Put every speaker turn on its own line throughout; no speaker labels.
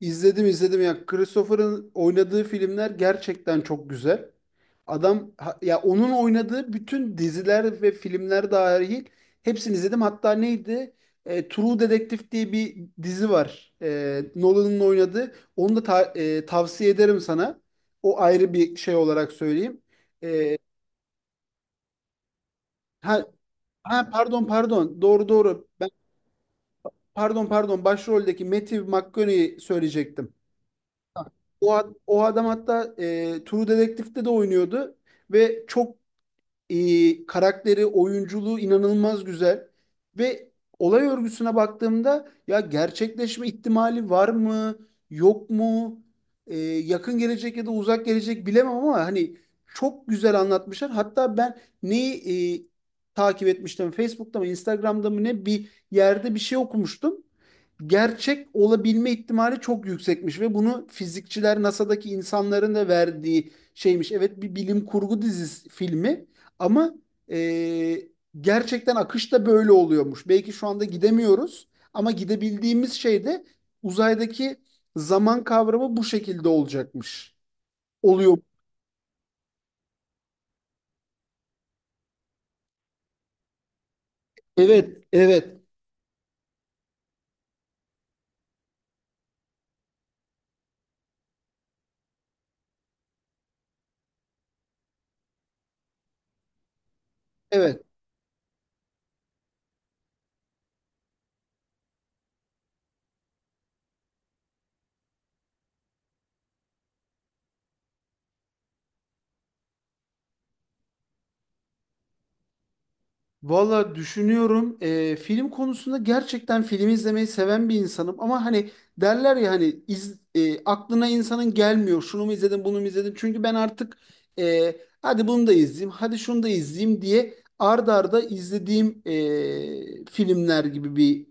İzledim izledim ya. Christopher'ın oynadığı filmler gerçekten çok güzel. Adam ya onun oynadığı bütün diziler ve filmler dahil hepsini izledim. Hatta neydi? True Detective diye bir dizi var. Nolan'ın oynadığı. Onu da tavsiye ederim sana. O ayrı bir şey olarak söyleyeyim. E, ha, ha, pardon. Doğru doğru. Ben pardon pardon başroldeki Matthew McConaughey'i söyleyecektim. O adam hatta True Detective'de de oynuyordu ve çok karakteri, oyunculuğu inanılmaz güzel. Ve olay örgüsüne baktığımda ya gerçekleşme ihtimali var mı, yok mu? Yakın gelecek ya da uzak gelecek bilemem ama hani çok güzel anlatmışlar. Hatta ben neyi takip etmiştim? Facebook'ta mı, Instagram'da mı ne bir yerde bir şey okumuştum. Gerçek olabilme ihtimali çok yüksekmiş ve bunu fizikçiler NASA'daki insanların da verdiği şeymiş. Evet, bir bilim kurgu dizisi filmi ama e, gerçekten akış da böyle oluyormuş. Belki şu anda gidemiyoruz ama gidebildiğimiz şey de uzaydaki zaman kavramı bu şekilde olacakmış. Oluyor. Evet, evet, evet. Valla düşünüyorum, film konusunda gerçekten film izlemeyi seven bir insanım ama hani derler ya hani aklına insanın gelmiyor şunu mu izledim bunu mu izledim çünkü ben artık e, hadi bunu da izleyeyim hadi şunu da izleyeyim diye arda arda izlediğim filmler gibi bir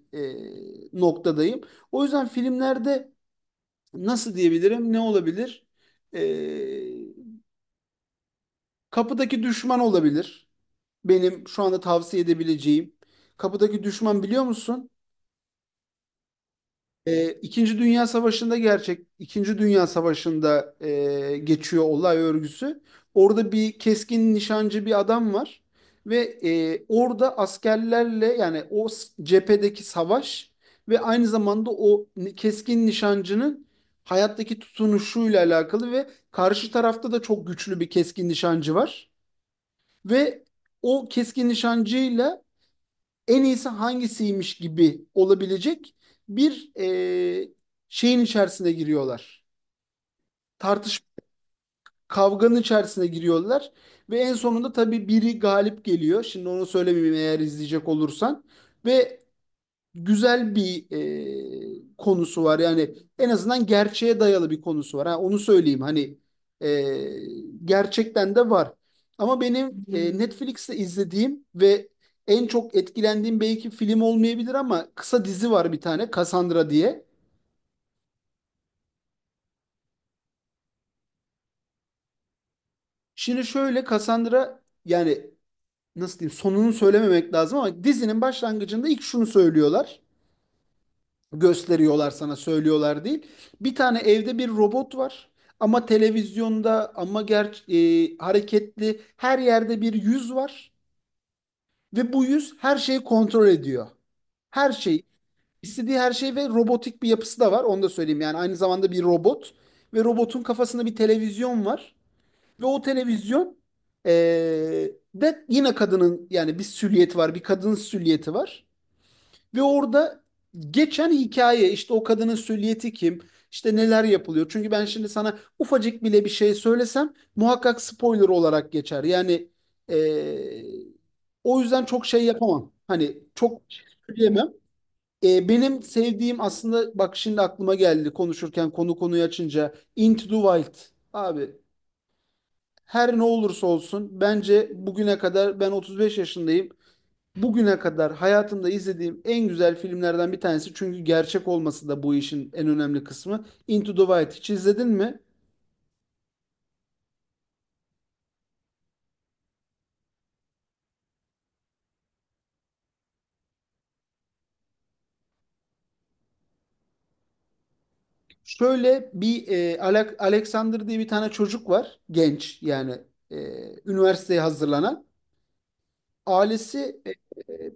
noktadayım. O yüzden filmlerde nasıl diyebilirim, ne olabilir? E, Kapıdaki düşman olabilir. Benim şu anda tavsiye edebileceğim. Kapıdaki düşman, biliyor musun? İkinci Dünya Savaşı'nda İkinci Dünya Savaşı'nda geçiyor olay örgüsü. Orada bir keskin nişancı bir adam var ve orada askerlerle yani cephedeki savaş ve aynı zamanda keskin nişancının hayattaki tutunuşuyla alakalı, ve karşı tarafta da çok güçlü bir keskin nişancı var ve o keskin nişancıyla en iyisi hangisiymiş gibi olabilecek bir e, şeyin içerisine giriyorlar. Tartışma, kavganın içerisine giriyorlar ve en sonunda tabii biri galip geliyor. Şimdi onu söylemeyeyim eğer izleyecek olursan. Ve güzel bir konusu var. Yani en azından gerçeğe dayalı bir konusu var. Ha, onu söyleyeyim, hani e, gerçekten de var. Ama benim Netflix'te izlediğim ve en çok etkilendiğim belki film olmayabilir ama kısa dizi var bir tane, Cassandra diye. Şimdi şöyle, Cassandra yani nasıl diyeyim, sonunu söylememek lazım ama dizinin başlangıcında ilk şunu söylüyorlar. Gösteriyorlar sana, söylüyorlar değil. Bir tane evde bir robot var ama televizyonda ama hareketli her yerde bir yüz var ve bu yüz her şeyi kontrol ediyor. Her şey, istediği her şey, ve robotik bir yapısı da var, onu da söyleyeyim, yani aynı zamanda bir robot ve robotun kafasında bir televizyon var ve o televizyon e, de yine kadının, yani bir silüeti var, bir kadın silüeti var. Ve orada geçen hikaye işte, o kadının süliyeti kim? İşte neler yapılıyor? Çünkü ben şimdi sana ufacık bile bir şey söylesem muhakkak spoiler olarak geçer. Yani eee, o yüzden çok şey yapamam. Hani çok söyleyemem. Benim sevdiğim, aslında bak şimdi aklıma geldi konuşurken, konu konuyu açınca, Into the Wild. Abi, her ne olursa olsun, bence bugüne kadar, ben 35 yaşındayım. Bugüne kadar hayatımda izlediğim en güzel filmlerden bir tanesi, çünkü gerçek olması da bu işin en önemli kısmı. Into the Wild hiç izledin mi? Şöyle, bir Alexander diye bir tane çocuk var. Genç yani, e, üniversiteye hazırlanan. Ailesi e,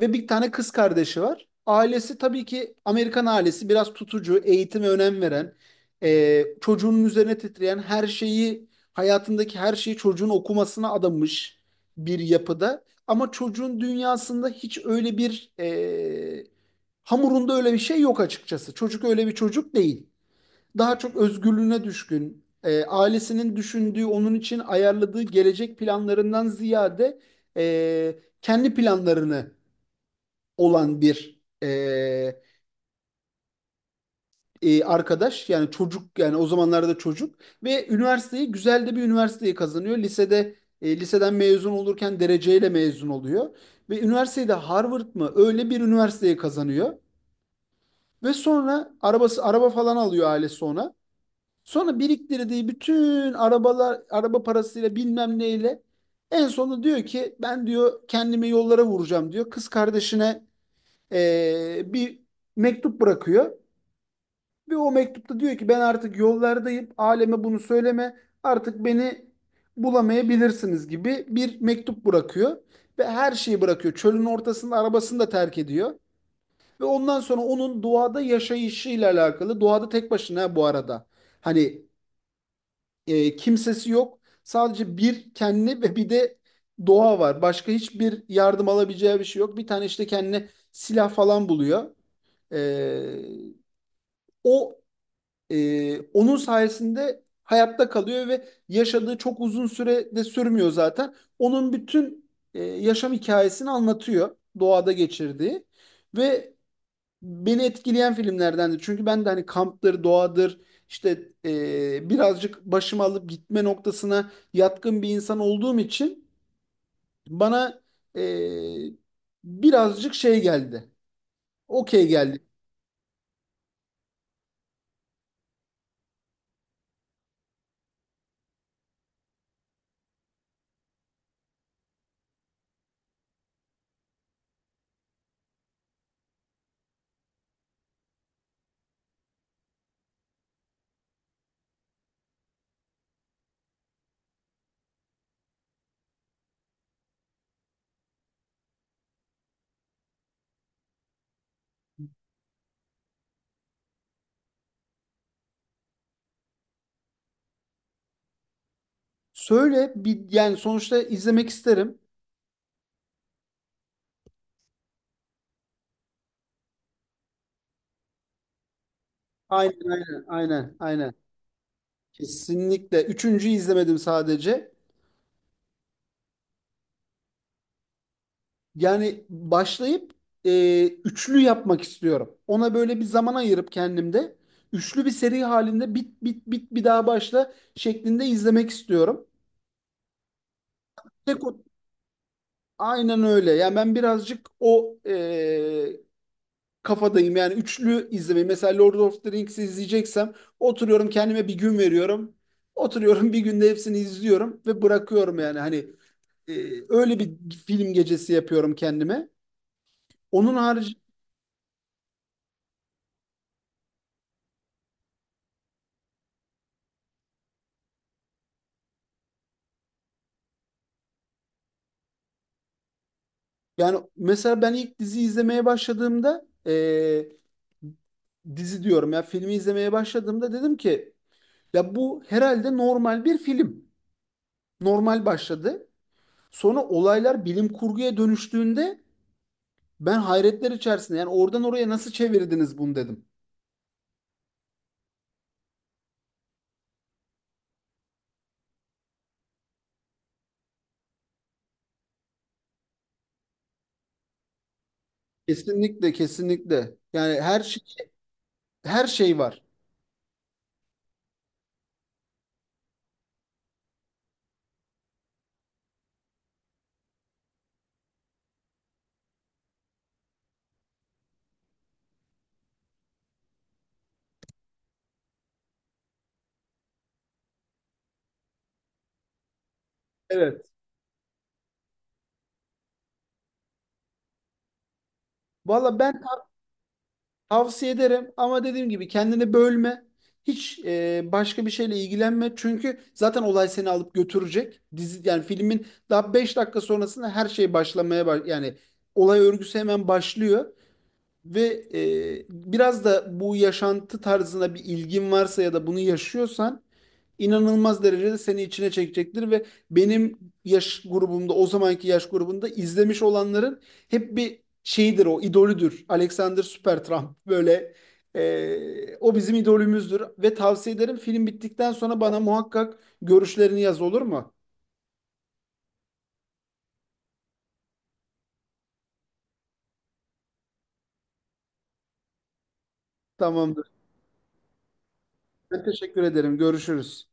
ve bir tane kız kardeşi var. Ailesi tabii ki Amerikan ailesi, biraz tutucu, eğitime önem veren, çocuğunun üzerine titreyen, her şeyi, hayatındaki her şeyi çocuğun okumasına adamış bir yapıda. Ama çocuğun dünyasında hiç öyle bir hamurunda öyle bir şey yok açıkçası. Çocuk öyle bir çocuk değil, daha çok özgürlüğüne düşkün, ailesinin düşündüğü, onun için ayarladığı gelecek planlarından ziyade kendi planlarını olan bir arkadaş. Yani çocuk, yani o zamanlarda çocuk, ve üniversiteyi, güzel de bir üniversiteyi kazanıyor. Lisede, liseden mezun olurken dereceyle mezun oluyor ve üniversitede Harvard mı öyle bir üniversiteyi kazanıyor. Ve sonra araba falan alıyor ailesi ona. Sonra biriktirdiği bütün araba parasıyla bilmem neyle en sonunda diyor ki ben diyor kendimi yollara vuracağım diyor. Kız kardeşine bir mektup bırakıyor ve o mektupta diyor ki ben artık yollardayım. Aleme bunu söyleme. Artık beni bulamayabilirsiniz gibi bir mektup bırakıyor ve her şeyi bırakıyor. Çölün ortasında arabasını da terk ediyor. Ve ondan sonra onun doğada yaşayışıyla alakalı, doğada tek başına bu arada. Hani kimsesi yok. Sadece bir kendi ve bir de doğa var. Başka hiçbir yardım alabileceği bir şey yok. Bir tane işte kendine silah falan buluyor. E, o onun sayesinde hayatta kalıyor ve yaşadığı çok uzun süre de sürmüyor zaten. Onun bütün yaşam hikayesini anlatıyor, doğada geçirdiği, ve beni etkileyen filmlerdendi. Çünkü ben de hani kamptır, doğadır, işte birazcık başımı alıp gitme noktasına yatkın bir insan olduğum için bana e, birazcık şey geldi. Okey geldi. Söyle, bir yani sonuçta izlemek isterim. Aynen, aynen, aynen, aynen. Kesinlikle. Üçüncü izlemedim sadece. Yani başlayıp üçlü yapmak istiyorum. Ona böyle bir zaman ayırıp, kendimde üçlü bir seri halinde bit bit bit bir daha başla şeklinde izlemek istiyorum. Tek o- aynen öyle. Yani ben birazcık o kafadayım. Yani üçlü izlemeyi. Mesela Lord of the Rings'i izleyeceksem oturuyorum, kendime bir gün veriyorum. Oturuyorum, bir günde hepsini izliyorum ve bırakıyorum yani. Hani e, öyle bir film gecesi yapıyorum kendime. Onun harici, yani mesela ben ilk dizi izlemeye başladığımda, dizi diyorum ya, filmi izlemeye başladığımda dedim ki ya bu herhalde normal bir film. Normal başladı. Sonra olaylar bilim kurguya dönüştüğünde ben hayretler içerisinde, yani oradan oraya nasıl çevirdiniz bunu dedim. Kesinlikle, kesinlikle. Yani her şey, her şey var. Evet. Valla ben tavsiye ederim ama dediğim gibi kendini bölme. Hiç başka bir şeyle ilgilenme. Çünkü zaten olay seni alıp götürecek. Dizi, yani filmin daha 5 dakika sonrasında her şey başlamaya yani olay örgüsü hemen başlıyor. Ve biraz da bu yaşantı tarzına bir ilgin varsa ya da bunu yaşıyorsan inanılmaz derecede seni içine çekecektir ve benim yaş grubumda, o zamanki yaş grubunda izlemiş olanların hep bir şeyidir, o idolüdür. Alexander Supertramp, böyle o bizim idolümüzdür ve tavsiye ederim, film bittikten sonra bana muhakkak görüşlerini yaz, olur mu? Tamamdır. Ben teşekkür ederim. Görüşürüz.